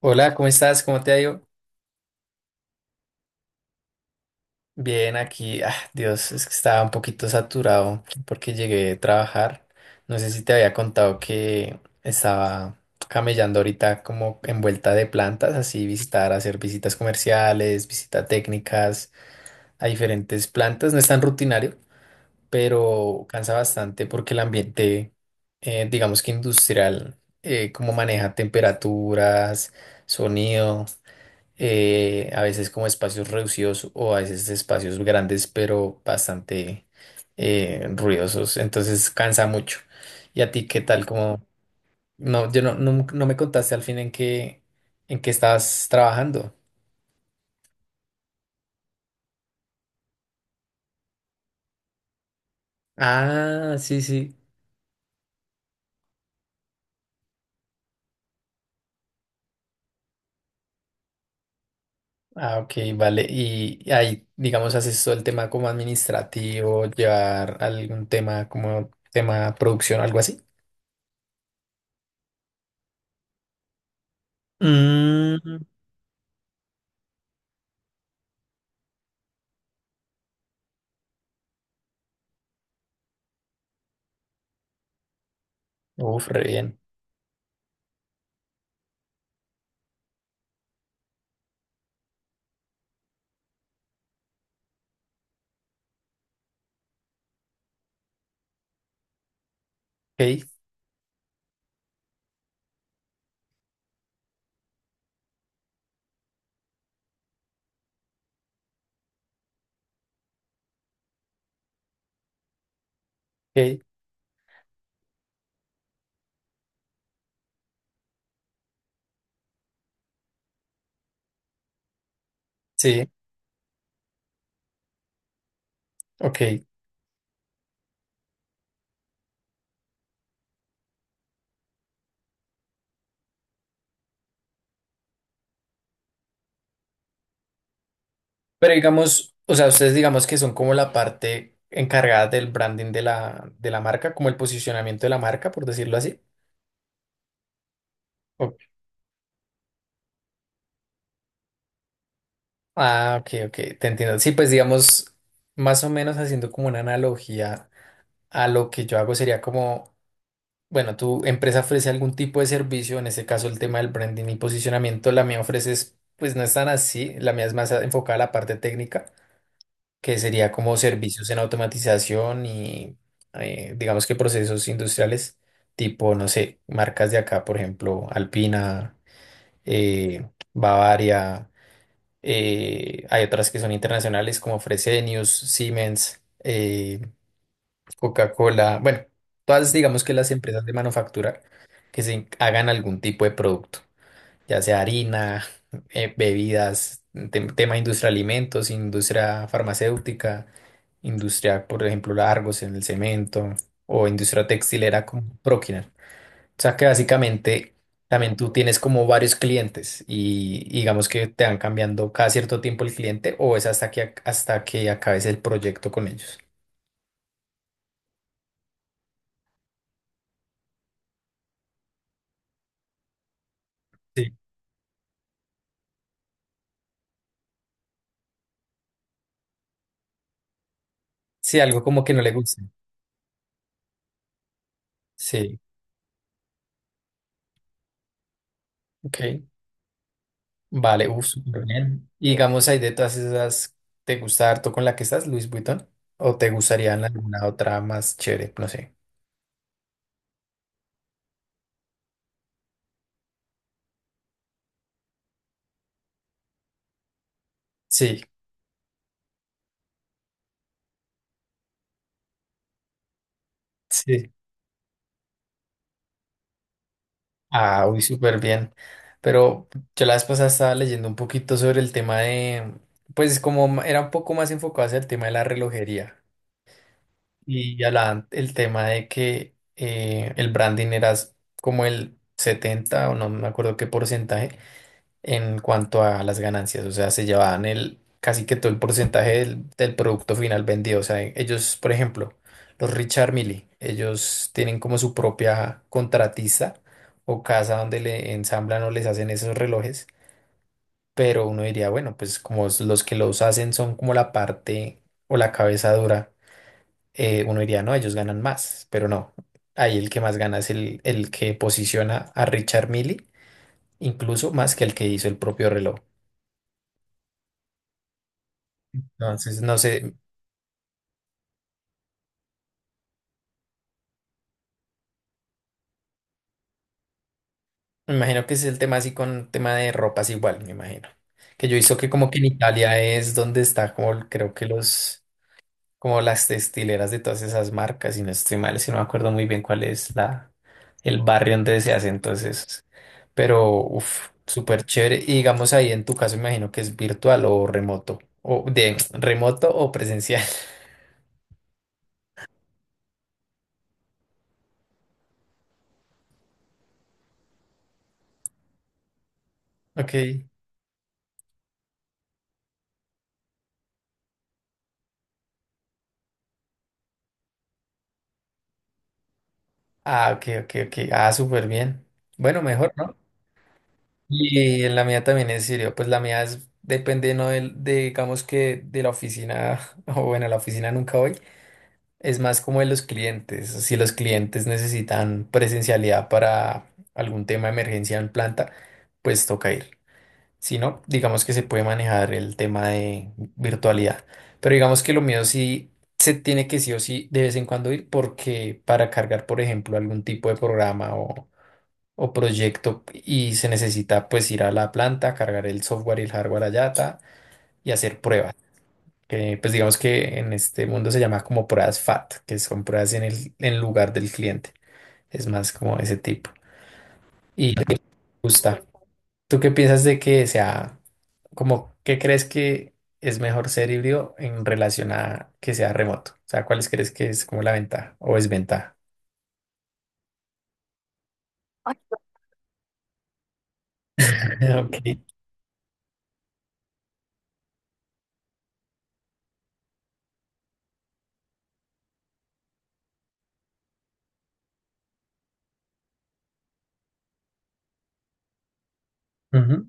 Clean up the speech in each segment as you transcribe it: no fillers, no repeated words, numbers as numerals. Hola, ¿cómo estás? ¿Cómo te ha ido? Bien, aquí. Ah, Dios, es que estaba un poquito saturado porque llegué a trabajar. No sé si te había contado que estaba camellando ahorita como en vuelta de plantas, así visitar, hacer visitas comerciales, visitas técnicas a diferentes plantas. No es tan rutinario, pero cansa bastante porque el ambiente, digamos que industrial, como maneja temperaturas, sonido. A veces como espacios reducidos o a veces espacios grandes, pero bastante ruidosos, entonces cansa mucho. ¿Y a ti qué tal? Como, no, yo no, me contaste al fin en qué estabas trabajando. Ah, sí, sí. Ah, ok, vale. Y ahí, digamos, haces todo el tema como administrativo, llevar algún tema como tema producción, algo así. Mm, uf, re bien. Ok, ok, sí, ok. Pero digamos, o sea, ustedes digamos que son como la parte encargada del branding de la marca, como el posicionamiento de la marca, por decirlo así. O- ah, ok, ok, te entiendo. Sí, pues digamos, más o menos haciendo como una analogía a lo que yo hago sería como, bueno, tu empresa ofrece algún tipo de servicio, en este caso el tema del branding y posicionamiento, la mía ofrece, pues no es tan así, la mía es más enfocada a la parte técnica. Que sería como servicios en automatización y digamos que procesos industriales tipo, no sé, marcas de acá, por ejemplo, Alpina, eh, Bavaria, hay otras que son internacionales como Fresenius, Siemens, Coca-Cola, bueno, todas digamos que las empresas de manufactura que se hagan algún tipo de producto ya sea harina, bebidas, tema industria de alimentos, industria farmacéutica, industria, por ejemplo, Argos en el cemento o industria textilera con Prokinar. O sea que básicamente también tú tienes como varios clientes y digamos que te van cambiando cada cierto tiempo el cliente o es hasta que, hasta que acabes el proyecto con ellos. Sí, sí, algo como que no le guste. Sí, ok. Vale, uff, súper bien. Y digamos ahí de todas esas, ¿te gusta harto con la que estás, Luis Vuitton? ¿O te gustaría en alguna otra más chévere? No sé. Sí, sí. Ah, uy, súper bien. Pero yo la vez pasada estaba leyendo un poquito sobre el tema de, pues como era un poco más enfocado hacia el tema de la relojería y hablaban el tema de que el branding era como el 70 o no me acuerdo qué porcentaje en cuanto a las ganancias, o sea, se llevaban el casi que todo el porcentaje del, producto final vendido, o sea, ellos, por ejemplo, los Richard Mille, ellos tienen como su propia contratista o casa donde le ensamblan o les hacen esos relojes, pero uno diría, bueno, pues como los que los hacen son como la parte o la cabeza dura, uno diría, no, ellos ganan más, pero no. Ahí el que más gana es el que posiciona a Richard Mille, incluso más que el que hizo el propio reloj. Entonces, no sé, me imagino que es el tema así con tema de ropas igual, me imagino. Que yo hizo que como que en Italia es donde está como creo que los, como las textileras de todas esas marcas, y no estoy mal, si no me acuerdo muy bien cuál es la, el barrio donde se hace entonces. Pero, uff, súper chévere. Y digamos ahí en tu caso, me imagino que es virtual o remoto, o de remoto o presencial. Ok. Ah, ok, ok, ok. Ah, súper bien. Bueno, mejor, ¿no? Y en la mía también es serio, pues la mía es, depende no de, digamos que de la oficina, o bueno, a la oficina nunca voy, es más como de los clientes, si los clientes necesitan presencialidad para algún tema de emergencia en planta, pues toca ir. Si no, digamos que se puede manejar el tema de virtualidad, pero digamos que lo mío sí se tiene que sí o sí de vez en cuando ir porque para cargar, por ejemplo, algún tipo de programa o proyecto y se necesita pues ir a la planta, cargar el software y el hardware allá ta, y hacer pruebas. Que pues digamos que en este mundo se llama como pruebas FAT, que son pruebas en el en lugar del cliente. Es más como ese tipo. Y me gusta. ¿Tú qué piensas de que sea como qué crees que es mejor ser híbrido en relación a que sea remoto? O sea, ¿cuáles crees que es como la ventaja o desventaja? Ok. Ujú.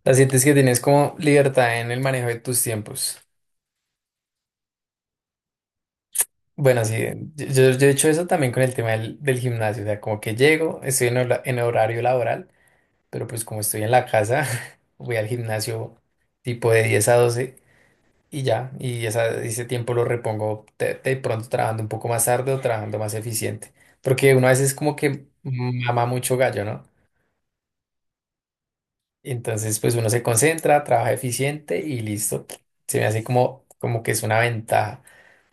O sea, sientes que tienes como libertad en el manejo de tus tiempos. Bueno, sí, yo he hecho eso también con el tema del, gimnasio, o sea, como que llego, estoy en horario laboral, pero pues como estoy en la casa, voy al gimnasio tipo de 10 a 12 y ya, y ese tiempo lo repongo de pronto trabajando un poco más tarde o trabajando más eficiente, porque uno a veces como que mama mucho gallo, ¿no? Entonces pues uno se concentra, trabaja eficiente y listo, se me hace como que es una ventaja.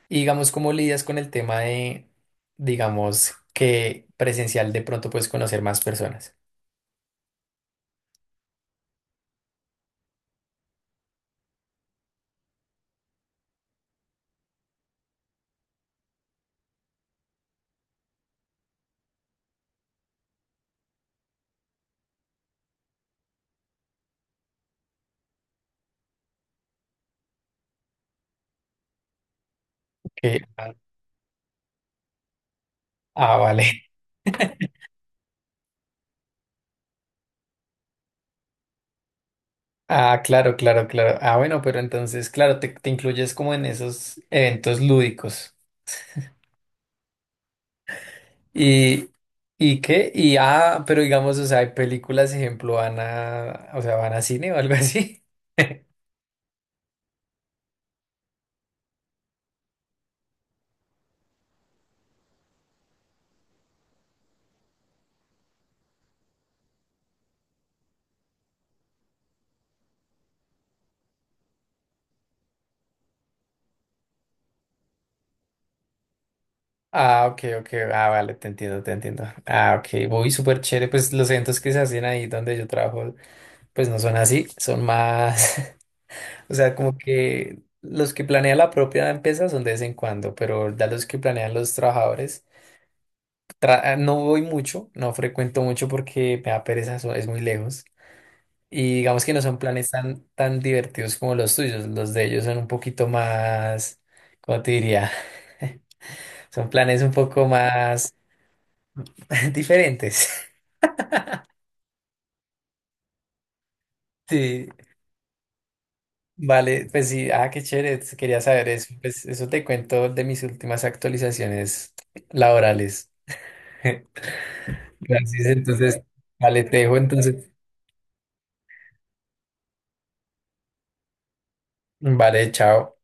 Y digamos, ¿cómo lidias con el tema de, digamos, que presencial de pronto puedes conocer más personas? Ah, ah, vale. Ah, claro, claro, claro. Ah, bueno, pero entonces, claro, te incluyes como en esos eventos lúdicos. ¿Y, y qué? Y ah, pero digamos, o sea, hay películas, ejemplo, van a, o sea, van a cine o algo así. Ah, ok, ok. Ah, vale, te entiendo, te entiendo. Ah, ok. Voy súper chévere. Pues los eventos que se hacen ahí donde yo trabajo, pues no son así, son más. O sea, como que los que planean la propia empresa son de vez en cuando, pero ya los que planean los trabajadores, no voy mucho, no frecuento mucho porque me da pereza, es muy lejos. Y digamos que no son planes tan divertidos como los tuyos, los de ellos son un poquito más, ¿cómo te diría? Son planes un poco más diferentes. Sí, vale, pues sí, ah, qué chévere, quería saber eso. Pues eso te cuento de mis últimas actualizaciones laborales. Francis, entonces, vale, te dejo, entonces, vale, chao.